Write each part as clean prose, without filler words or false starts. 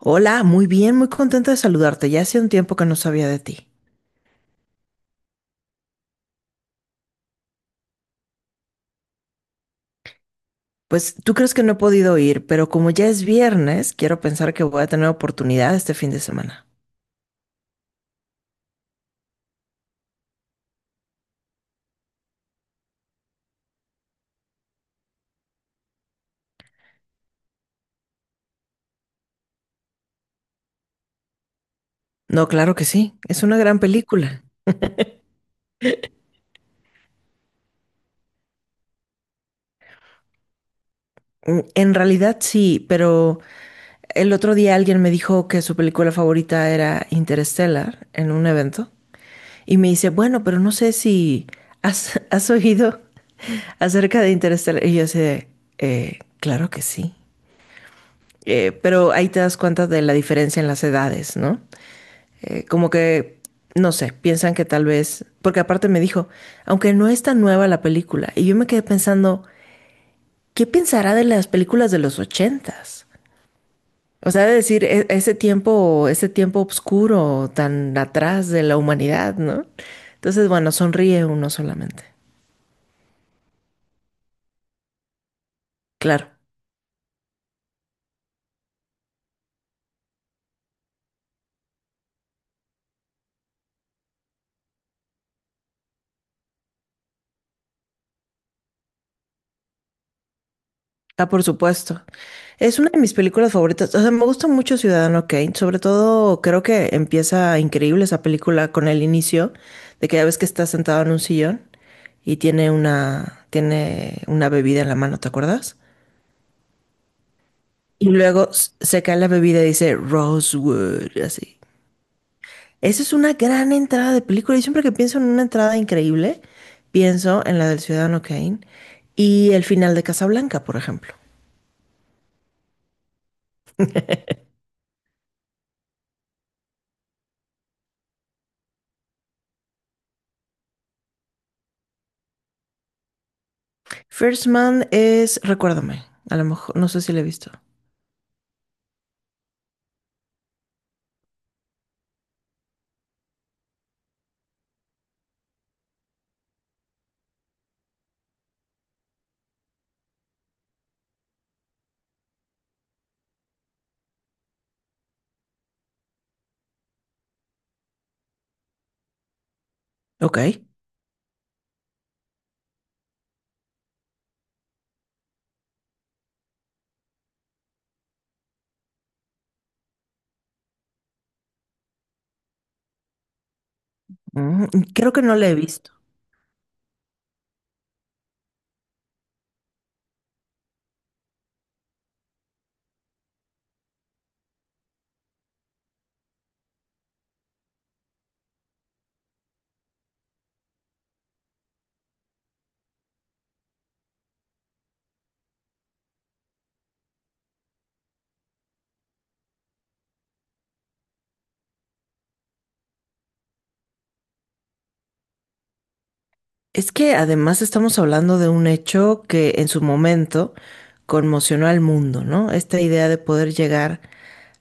Hola, muy bien, muy contenta de saludarte. Ya hacía un tiempo que no sabía de ti. Pues tú crees que no he podido ir, pero como ya es viernes, quiero pensar que voy a tener oportunidad este fin de semana. No, claro que sí, es una gran película. Mm, en realidad sí, pero el otro día alguien me dijo que su película favorita era Interstellar en un evento y me dice, bueno, pero no sé si has, has oído acerca de Interstellar. Y yo así de, Claro que sí. Pero ahí te das cuenta de la diferencia en las edades, ¿no? Como que, no sé, piensan que tal vez, porque aparte me dijo, aunque no es tan nueva la película, y yo me quedé pensando, ¿qué pensará de las películas de los ochentas? O sea, de decir, ese tiempo oscuro tan atrás de la humanidad, ¿no? Entonces, bueno, sonríe uno solamente. Claro. Ah, por supuesto. Es una de mis películas favoritas. O sea, me gusta mucho Ciudadano Kane. Sobre todo, creo que empieza increíble esa película con el inicio de que ya ves que está sentado en un sillón y tiene una bebida en la mano, ¿te acuerdas? Y luego se cae la bebida y dice Rosewood, así. Esa es una gran entrada de película. Y siempre que pienso en una entrada increíble, pienso en la del Ciudadano Kane y el final de Casablanca, por ejemplo. First Man es, recuérdame, a lo mejor, no sé si la he visto. Ok. Mm, creo que no la he visto. Es que además estamos hablando de un hecho que en su momento conmocionó al mundo, ¿no? Esta idea de poder llegar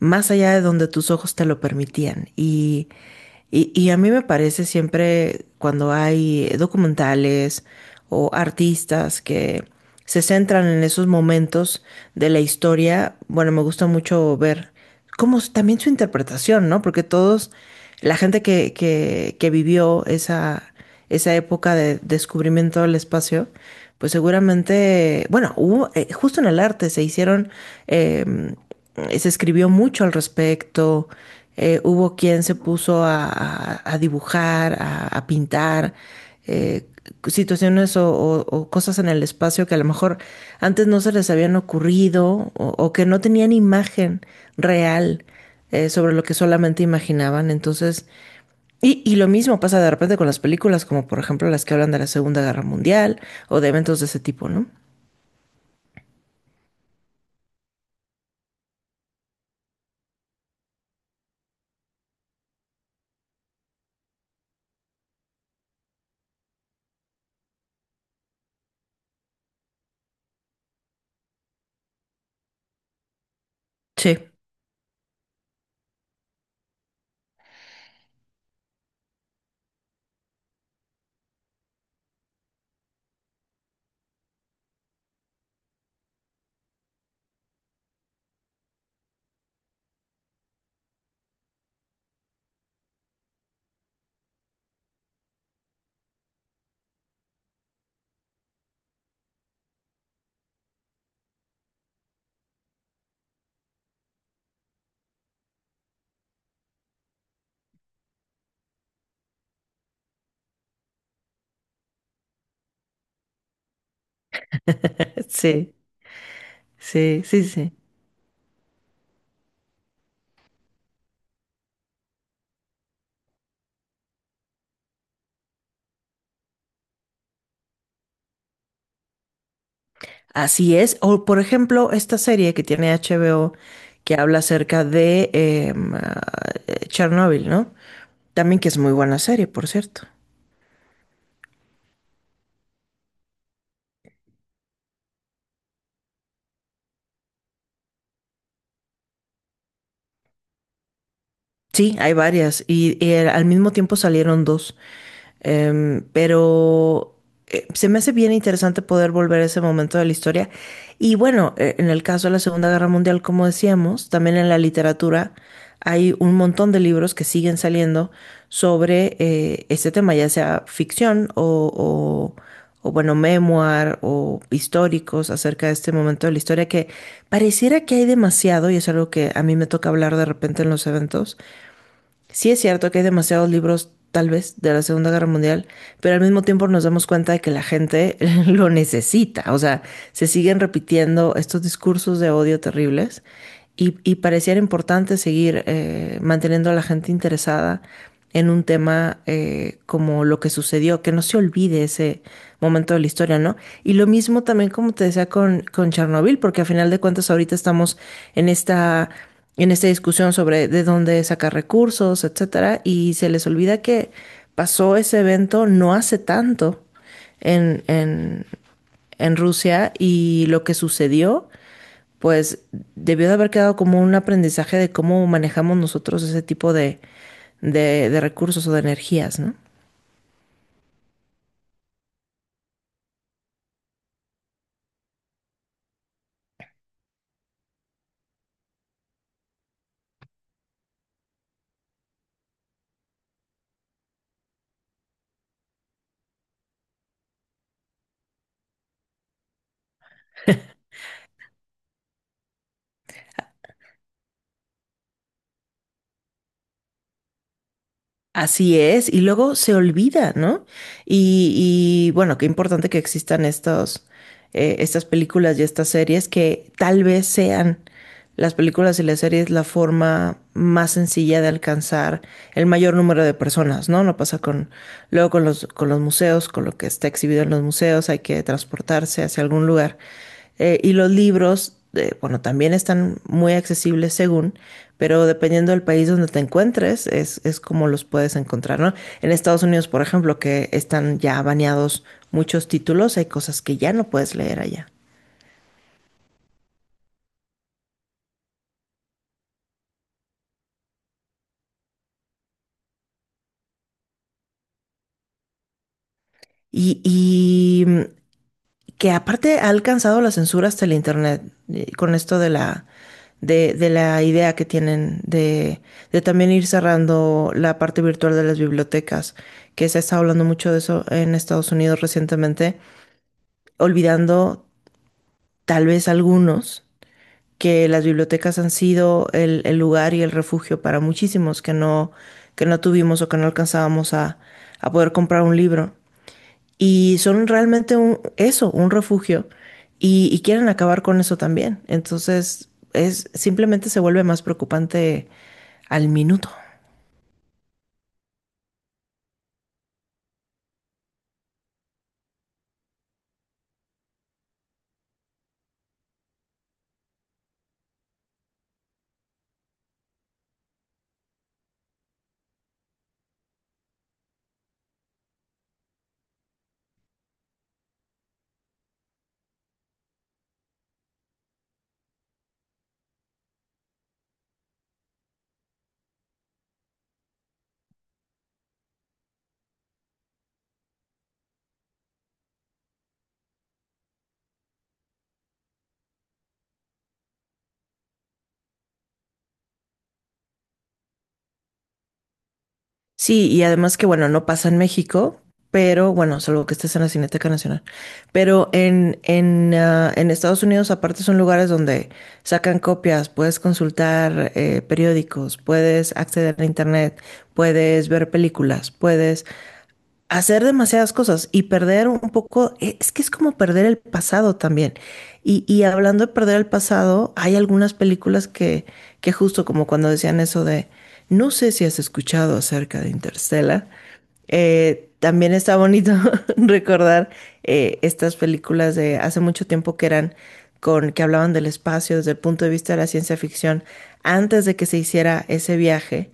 más allá de donde tus ojos te lo permitían. Y a mí me parece siempre cuando hay documentales o artistas que se centran en esos momentos de la historia, bueno, me gusta mucho ver cómo también su interpretación, ¿no? Porque todos, la gente que vivió esa, esa época de descubrimiento del espacio, pues seguramente, bueno, hubo, justo en el arte se hicieron eh, se escribió mucho al respecto, hubo quien se puso a dibujar, a pintar, eh, situaciones o cosas en el espacio que a lo mejor antes no se les habían ocurrido o que no tenían imagen real sobre lo que solamente imaginaban. Entonces, y lo mismo pasa de repente con las películas, como por ejemplo las que hablan de la Segunda Guerra Mundial o de eventos de ese tipo, ¿no? Sí, sí, sí, sí, sí. Así es. O, por ejemplo, esta serie que tiene HBO que habla acerca de Chernobyl, ¿no? También que es muy buena serie, por cierto. Sí, hay varias. Y al mismo tiempo salieron dos. Em, pero se me hace bien interesante poder volver a ese momento de la historia. Y bueno, en el caso de la Segunda Guerra Mundial, como decíamos, también en la literatura hay un montón de libros que siguen saliendo sobre este tema, ya sea ficción o bueno, memoir o históricos acerca de este momento de la historia que pareciera que hay demasiado y es algo que a mí me toca hablar de repente en los eventos. Sí es cierto que hay demasiados libros, tal vez, de la Segunda Guerra Mundial, pero al mismo tiempo nos damos cuenta de que la gente lo necesita. O sea, se siguen repitiendo estos discursos de odio terribles y pareciera importante seguir manteniendo a la gente interesada en un tema como lo que sucedió, que no se olvide ese momento de la historia, ¿no? Y lo mismo también, como te decía, con Chernobyl, porque a final de cuentas ahorita estamos en esta discusión sobre de dónde sacar recursos, etcétera, y se les olvida que pasó ese evento no hace tanto en, en, en Rusia y lo que sucedió, pues debió de haber quedado como un aprendizaje de cómo manejamos nosotros ese tipo de recursos o de energías, ¿no? Así es, y luego se olvida, ¿no? Y, bueno, qué importante que existan estos, estas películas y estas series que tal vez sean las películas y las series la forma más sencilla de alcanzar el mayor número de personas, ¿no? No pasa con, luego con los museos, con lo que está exhibido en los museos, hay que transportarse hacia algún lugar. Y los libros, bueno, también están muy accesibles según, pero dependiendo del país donde te encuentres, es como los puedes encontrar, ¿no? En Estados Unidos, por ejemplo, que están ya baneados muchos títulos, hay cosas que ya no puedes leer allá. Y que aparte ha alcanzado la censura hasta el Internet, con esto de la, de la idea que tienen de también ir cerrando la parte virtual de las bibliotecas, que se ha estado hablando mucho de eso en Estados Unidos recientemente, olvidando tal vez algunos que las bibliotecas han sido el lugar y el refugio para muchísimos que no tuvimos o que no alcanzábamos a poder comprar un libro. Y son realmente un, eso, un refugio. Y quieren acabar con eso también. Entonces, es, simplemente se vuelve más preocupante al minuto. Sí, y además que, bueno, no pasa en México, pero bueno, salvo que estés en la Cineteca Nacional. Pero en Estados Unidos, aparte, son lugares donde sacan copias, puedes consultar periódicos, puedes acceder a internet, puedes ver películas, puedes hacer demasiadas cosas y perder un poco, es que es como perder el pasado también. Y hablando de perder el pasado, hay algunas películas que justo como cuando decían eso de, no sé si has escuchado acerca de Interstellar, también está bonito recordar estas películas de hace mucho tiempo que eran con que hablaban del espacio desde el punto de vista de la ciencia ficción antes de que se hiciera ese viaje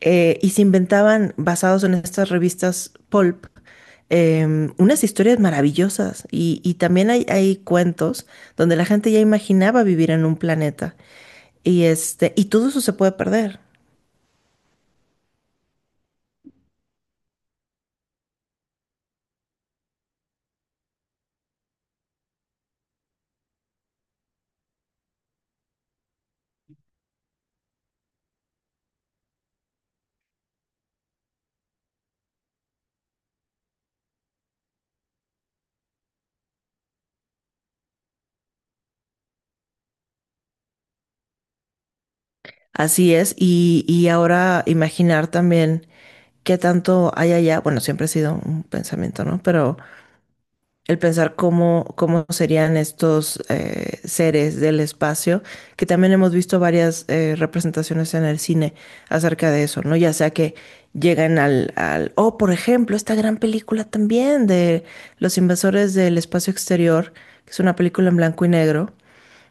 y se inventaban, basados en estas revistas pulp, em, unas historias maravillosas. Y también hay cuentos donde la gente ya imaginaba vivir en un planeta. Y, este, y todo eso se puede perder. Así es. Y ahora imaginar también qué tanto hay allá. Bueno, siempre ha sido un pensamiento, ¿no? Pero el pensar cómo, cómo serían estos seres del espacio, que también hemos visto varias representaciones en el cine acerca de eso, ¿no? Ya sea que llegan al, o por ejemplo, esta gran película también de Los Invasores del Espacio Exterior, que es una película en blanco y negro,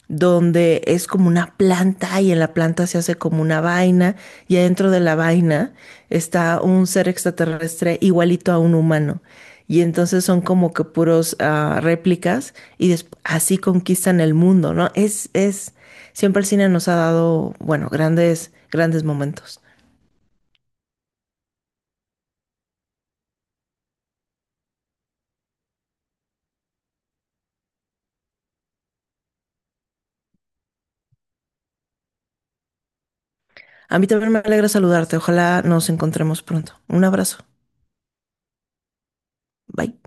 donde es como una planta y en la planta se hace como una vaina y adentro de la vaina está un ser extraterrestre igualito a un humano. Y entonces son como que puros ah, réplicas y así conquistan el mundo, ¿no? Es, siempre el cine nos ha dado, bueno, grandes, grandes momentos. A mí también me alegra saludarte. Ojalá nos encontremos pronto. Un abrazo. Bye.